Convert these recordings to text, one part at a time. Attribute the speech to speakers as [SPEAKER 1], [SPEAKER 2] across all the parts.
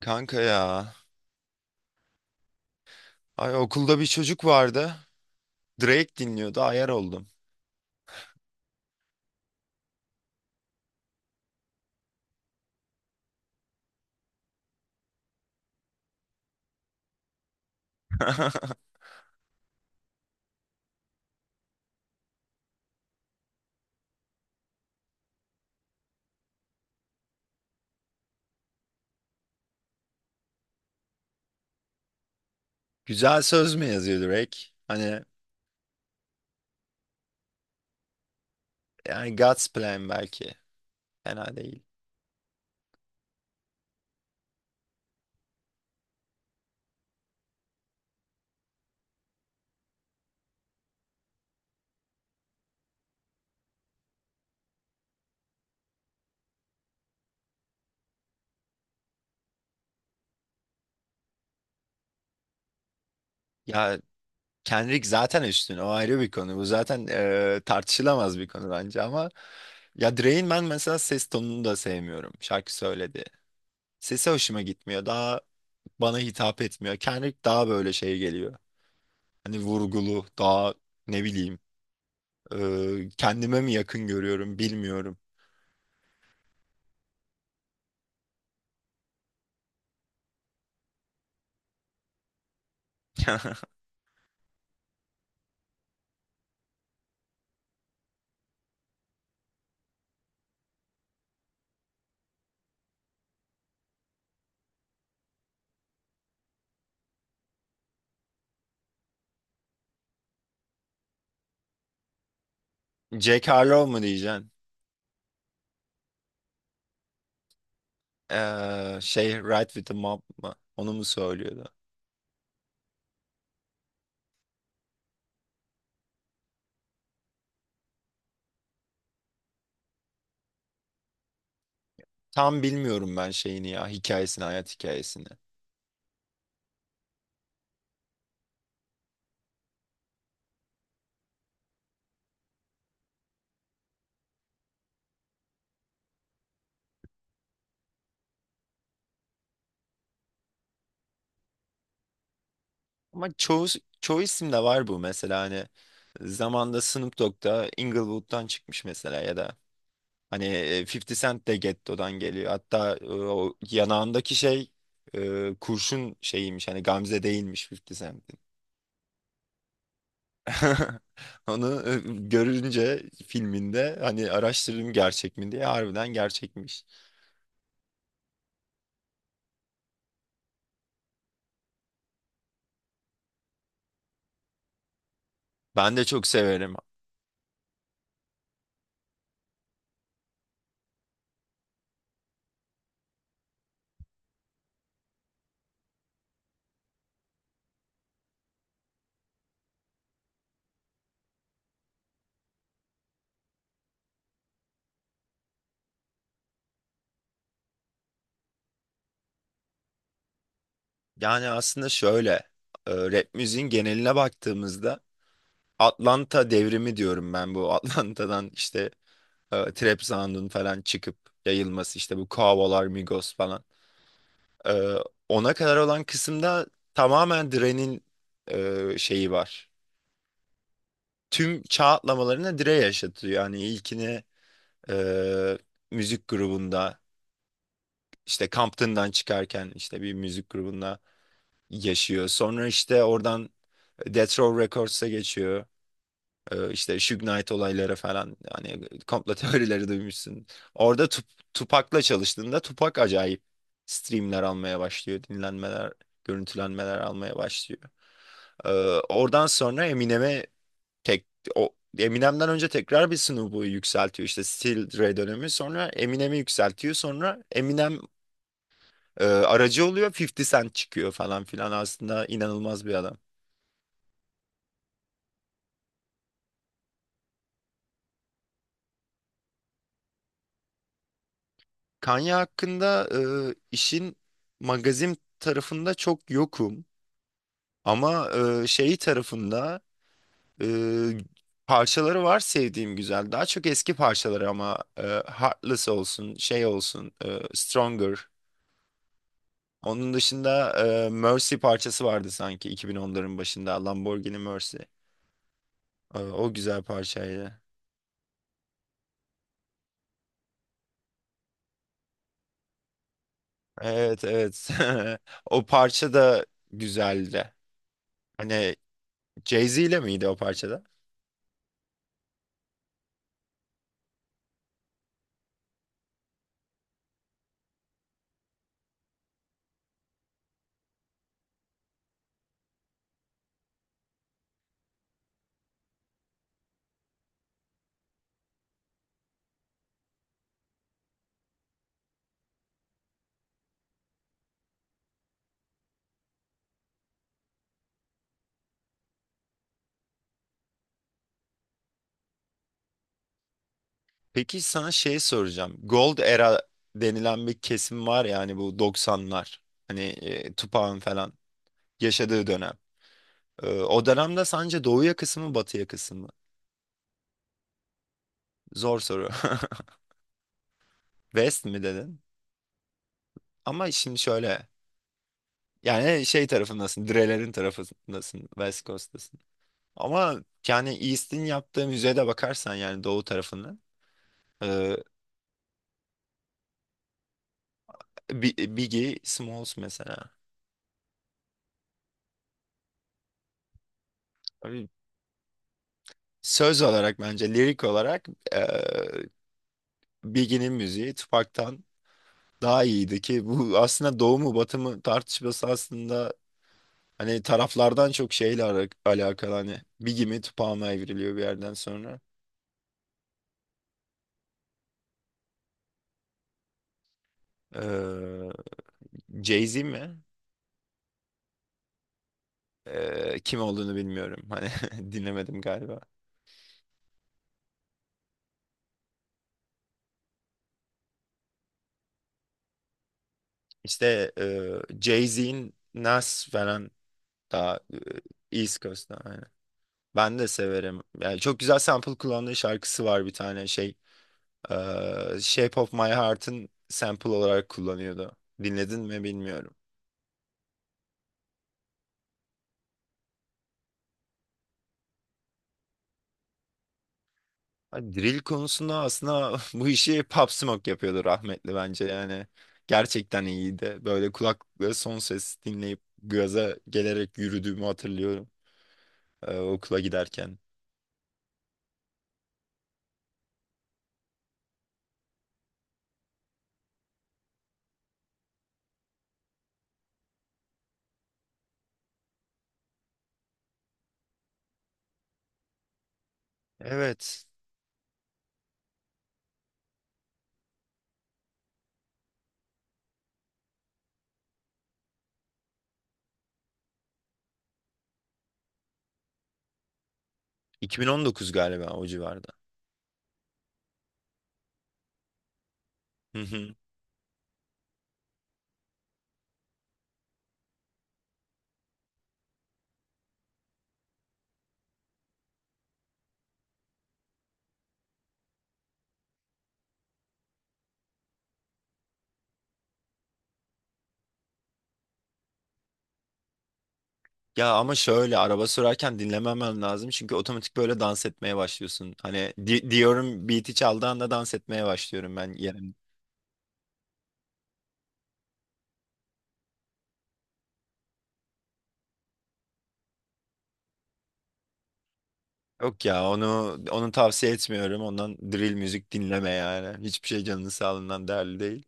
[SPEAKER 1] Kanka ya. Ay, okulda bir çocuk vardı. Drake dinliyordu. Ayar oldum. Güzel söz mü yazıyor Drake? Hani yani God's Plan belki. Fena değil. Ya Kendrick zaten üstün. O ayrı bir konu. Bu zaten tartışılamaz bir konu bence. Ama ya Drake'in ben mesela ses tonunu da sevmiyorum. Şarkı söyledi. Sesi hoşuma gitmiyor. Daha bana hitap etmiyor. Kendrick daha böyle şey geliyor. Hani vurgulu, daha ne bileyim, kendime mi yakın görüyorum bilmiyorum. Jack Harlow mu diyeceksin? Şey, Ride with the Mob mı? Onu mu söylüyordu? Tam bilmiyorum ben şeyini, ya hikayesini, hayat hikayesini. Ama çoğu, çoğu isimde var bu mesela, hani zamanda Snoop Dogg da Inglewood'dan çıkmış mesela, ya da hani 50 Cent de Getto'dan geliyor. Hatta o yanağındaki şey kurşun şeyiymiş, hani Gamze değilmiş 50 Cent. Onu görünce filminde hani araştırdım gerçek mi diye, harbiden gerçekmiş. Ben de çok severim. Yani aslında şöyle, rap müziğin geneline baktığımızda Atlanta devrimi diyorum ben bu. Atlanta'dan işte trap sound'un falan çıkıp yayılması, işte bu Quavo'lar, Migos falan. E, ona kadar olan kısımda tamamen Dre'nin şeyi var. Tüm çağ atlamalarını Dre yaşatıyor. Yani ilkini, e, müzik grubunda, işte Compton'dan çıkarken işte bir müzik grubunda yaşıyor. Sonra işte oradan Death Row Records'a geçiyor. E, işte Suge Knight olayları falan, hani komplo teorileri duymuşsun. Orada Tupac'la çalıştığında Tupac acayip streamler almaya başlıyor. Dinlenmeler, görüntülenmeler almaya başlıyor. E, oradan sonra Eminem'e, Tek, o Eminem'den önce tekrar bir Snoop yükseltiyor, işte Still Dre dönemi, sonra Eminem'i yükseltiyor, sonra Eminem aracı oluyor, 50 Cent çıkıyor falan filan, aslında inanılmaz bir adam. Kanye hakkında işin magazin tarafında çok yokum ama şeyi tarafında e, parçaları var sevdiğim, güzel, daha çok eski parçaları ama Heartless olsun, şey olsun, Stronger. Onun dışında Mercy parçası vardı sanki 2010'ların başında, Lamborghini Mercy. E, o güzel parçaydı. Evet, evet. O parça da güzeldi. Hani Jay-Z ile miydi o parçada? Peki sana şey soracağım. Gold Era denilen bir kesim var, yani bu 90'lar. Hani Tupac'ın falan yaşadığı dönem. E, o dönemde sence doğuya kısmı, batıya kısmı? Zor soru. West mi dedin? Ama şimdi şöyle. Yani şey tarafındasın, Dreler'in tarafındasın, West Coast'tasın. Ama yani East'in yaptığı müzeye de bakarsan, yani doğu tarafından. E, Biggie Smalls mesela. Abi, söz olarak bence, lirik olarak, e, Biggie'nin müziği Tupac'tan daha iyiydi, ki bu aslında doğu mu batı mı tartışması aslında hani taraflardan çok şeyle alakalı. Hani Biggie mi Tupac mı evriliyor bir yerden sonra. E, Jay-Z mi? Kim olduğunu bilmiyorum. Hani dinlemedim galiba. İşte Jay-Z'in Nas falan daha East Coast'ta, aynen. Ben de severim. Yani çok güzel sample kullandığı şarkısı var bir tane şey. e, Shape of My Heart'ın sample olarak kullanıyordu. Dinledin mi bilmiyorum. Hani drill konusunda aslında bu işi Pop Smoke yapıyordu, rahmetli, bence yani. Gerçekten iyiydi. Böyle kulaklıkla son ses dinleyip gaza gelerek yürüdüğümü hatırlıyorum, okula giderken. Evet. 2019 galiba, o civarda. Hı hı. Ya ama şöyle, araba sürerken dinlememem lazım, çünkü otomatik böyle dans etmeye başlıyorsun. Hani diyorum, beat'i çaldığı anda dans etmeye başlıyorum ben, yerim. Yok ya, onu tavsiye etmiyorum. Ondan drill müzik dinleme yani. Hiçbir şey canının sağlığından değerli değil.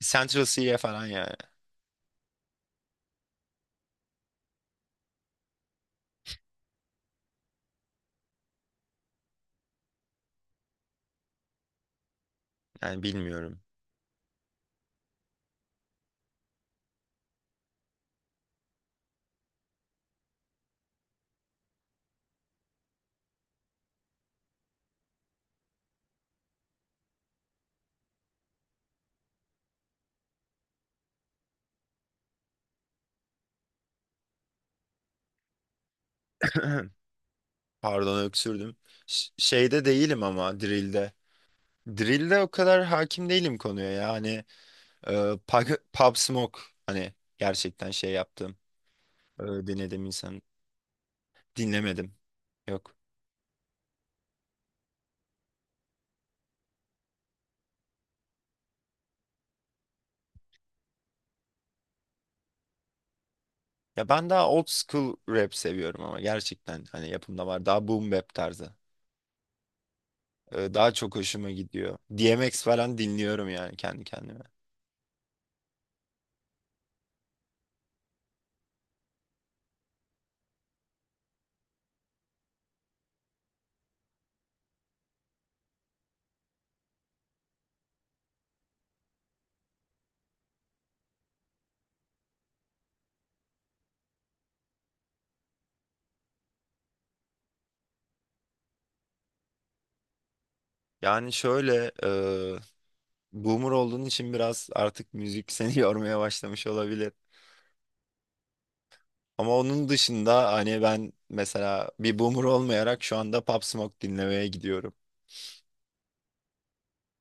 [SPEAKER 1] Central Cee falan ya. Yani bilmiyorum. Pardon, öksürdüm. Şeyde değilim, ama drill'de. Drill'de o kadar hakim değilim konuya yani. E, Pub Smoke, hani gerçekten şey yaptım. E, dinledim insan. Dinlemedim. Yok. Ya ben daha old school rap seviyorum ama, gerçekten hani yapımda var. Daha boom bap tarzı. E, daha çok hoşuma gidiyor. DMX falan dinliyorum yani kendi kendime. Yani şöyle, boomer olduğun için biraz artık müzik seni yormaya başlamış olabilir. Ama onun dışında hani ben mesela bir boomer olmayarak şu anda Pop Smoke dinlemeye gidiyorum.